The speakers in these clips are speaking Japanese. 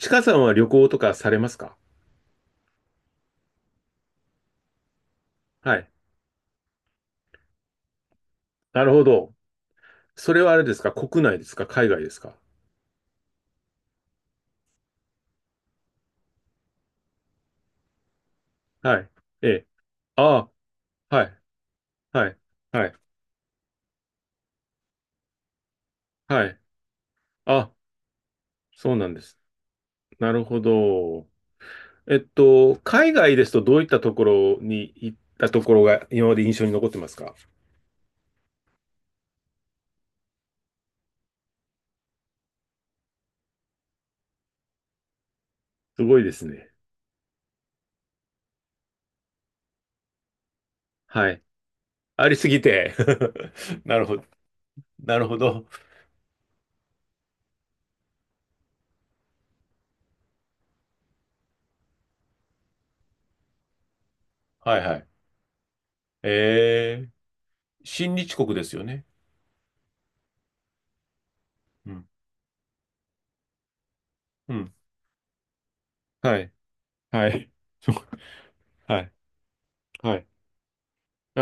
ちかさんは旅行とかされますか？はい。なるほど。それはあれですか？国内ですか？海外ですか？はい。ええ。ああ、はい。はい。はい。はい。あ、そうなんです。なるほど。海外ですとどういったところに行ったところが今まで印象に残ってますか？すごいですね。はい。ありすぎて。なるほど。なるほど。はいはい。えー、親日国ですよね。うん。うん。はい。はい。はい。はい。あ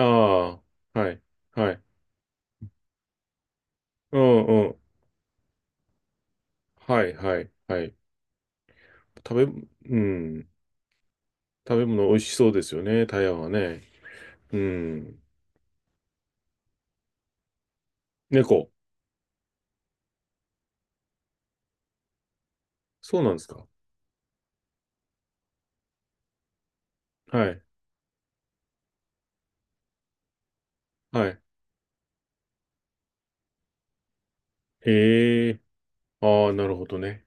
あ、はい、はい。うんうん。はい、はい、はい。食べ、うん。食べ物美味しそうですよね、台湾はね。うん。猫。そうなんですか。はい、はい。へえ。ああ、なるほどね。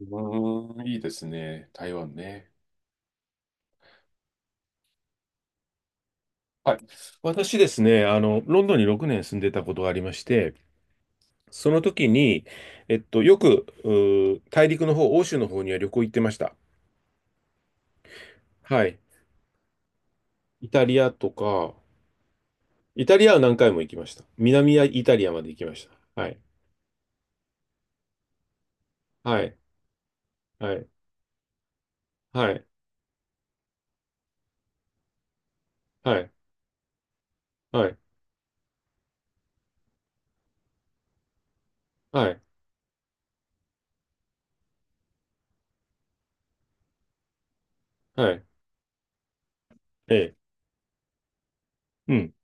うーん、いいですね。台湾ね。はい。私ですね、ロンドンに6年住んでたことがありまして、その時に、よく、大陸の方、欧州の方には旅行行ってました。はい。イタリアとか、イタリアは何回も行きました。南イタリアまで行きました。はい。はい。はい。はい。はい。はい。はい。はい。ええ。うん。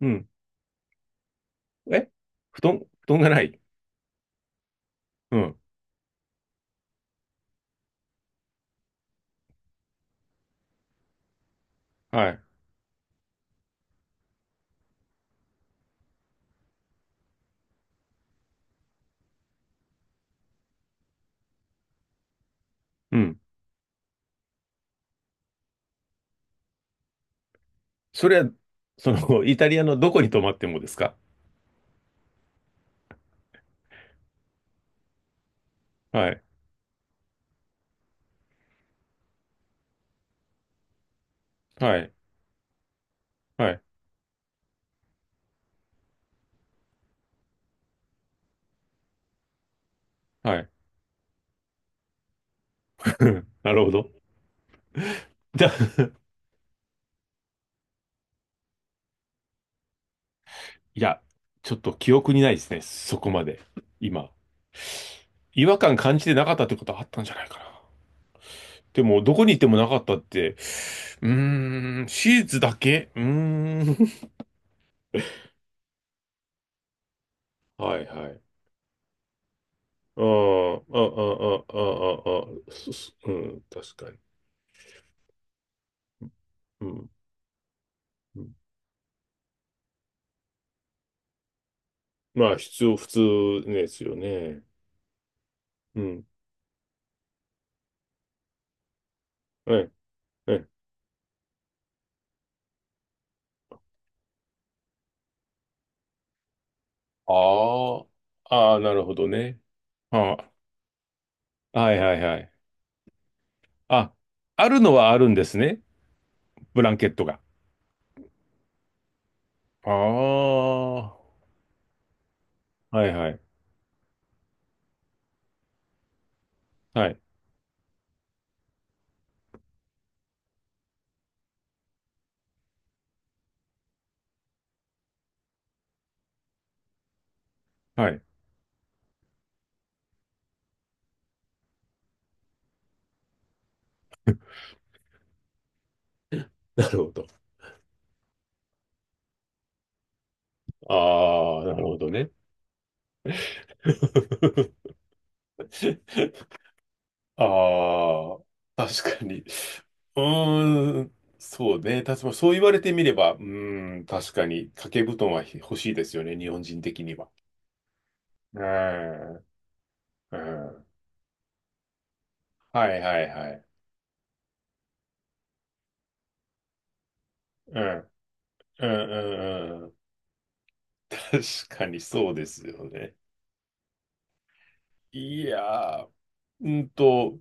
うん。え。布団、布団がない。うん。はい。うん。それは、イタリアのどこに泊まってもですか？はい。はい。はい。はい。なるほど。じゃあ、いや、ちょっと記憶にないですね。そこまで。今。違和感感じてなかったってことはあったんじゃないかな。でも、どこに行ってもなかったって、うーん、シーだけうーん。はいはい。ああ、ああ、ああ、ああ、そそうん、確かに。うん。うん。まあ、必要、普通ですよね。うん。はい。はい。ああ、ああ、なるほどね。ああ、はいはいはい。あ、あるのはあるんですね。ブランケットが。ああ、はいはい。はい。はい。なるほど。ああ、なるほどね。ああ、確かに。うーん、そうね。確かに、そう言われてみれば、うーん、確かに、掛け布団は欲しいですよね、日本人的には。うーん、うん。はいはいはい。うん、うん、うん、うん。確かにそうですよね。いやー、うんと、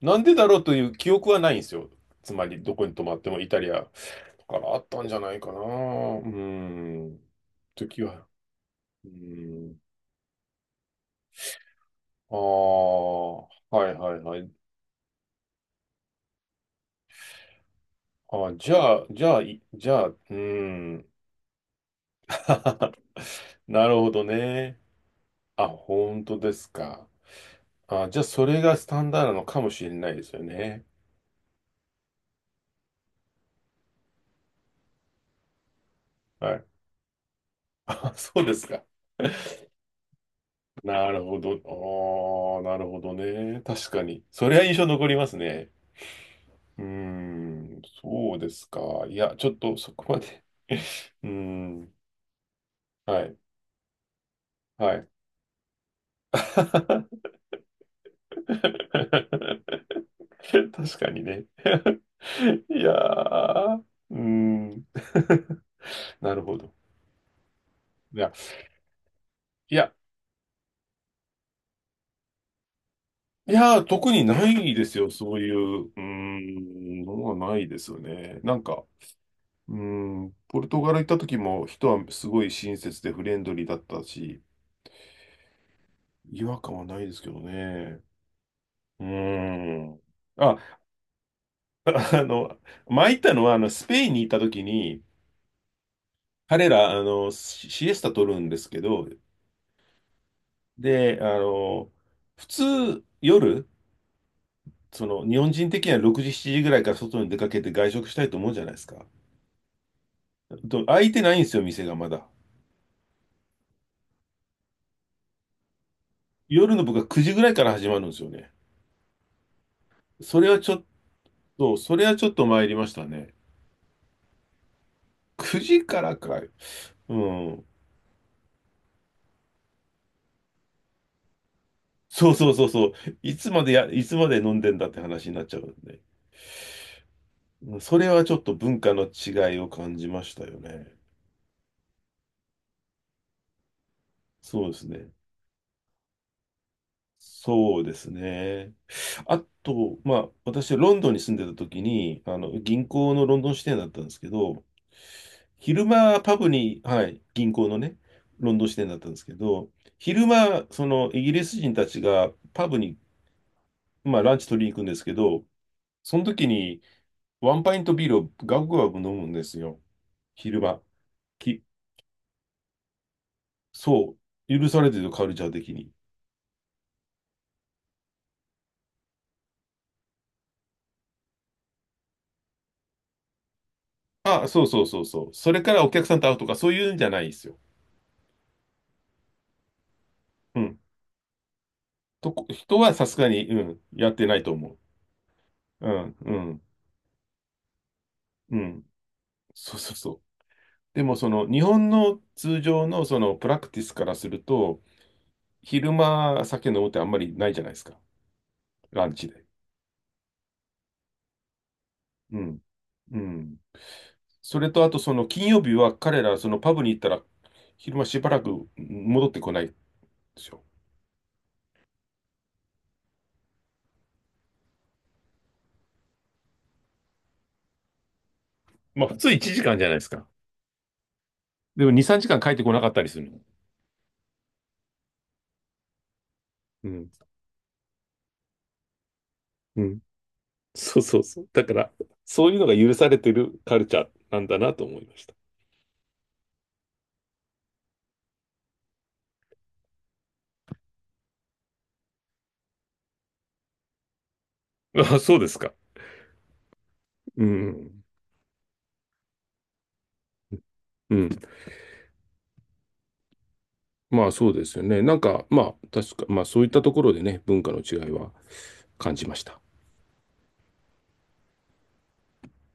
なんでだろうという記憶はないんですよ。つまり、どこに泊まってもイタリアからあったんじゃないかな。うーん、時は。うーん。ああ、はいはいはい。ああ、じゃあ、じゃあ、いじゃあ、うーん。なるほどね。あ、本当ですか。あ、じゃあ、それがスタンダードなのかもしれないですよね。はい。あ、そうですか。なるほど。ああ、なるほどね。確かに。それは印象残りますね。うーん、そうですか。いや、ちょっとそこまで。うーん、はい、はい。確かにね。いやー、うーん。なるほど。いや、いや、いやー、特にないですよ。そういう、うーん、のはないですよね。なんか、うーん、ポルトガル行った時も人はすごい親切でフレンドリーだったし、違和感はないですけどね。うーん。あ、あの、前行ったのは、スペインに行った時に、彼ら、シシエスタ取るんですけど、で、普通、夜、その日本人的には6時、7時ぐらいから外に出かけて外食したいと思うじゃないですか。と開いてないんですよ、店がまだ。夜の僕は9時ぐらいから始まるんですよね。それはちょっそれはちょっと参りましたね。9時からかい。うん。そうそうそうそう。いつまで飲んでんだって話になっちゃうんで。それはちょっと文化の違いを感じましたよね。そうですね。そうですね。あと、まあ、私はロンドンに住んでた時に、銀行のロンドン支店だったんですけど、昼間パブに、はい、銀行のね、ロンドン支店だったんですけど、昼間、そのイギリス人たちがパブに、まあ、ランチ取りに行くんですけど、その時にワンパイントビールをガブガブ飲むんですよ。昼間。き、そう、許されてるカルチャー的に。あ、そうそうそうそう。それからお客さんと会うとか、そういうんじゃないですよ。うんとこ、人はさすがに、うん、やってないと思う。うん、うん、うん。そうそうそう。でも、その、日本の通常の、その、プラクティスからすると、昼間、酒飲むってあんまりないじゃないですか。ランチで。うん、うん。それと、あと、その、金曜日は彼ら、その、パブに行ったら、昼間しばらく戻ってこないんでしょ。まあ、普通1時間じゃないですか。でも、2、3時間帰ってこなかったりするの。うん。うん。そうそうそう。だから、そういうのが許されてるカルチャーなんだなと思いました。あ、そうですか。うん。うん。まあそうですよね。なんか、まあ確か、まあそういったところでね、文化の違いは感じました。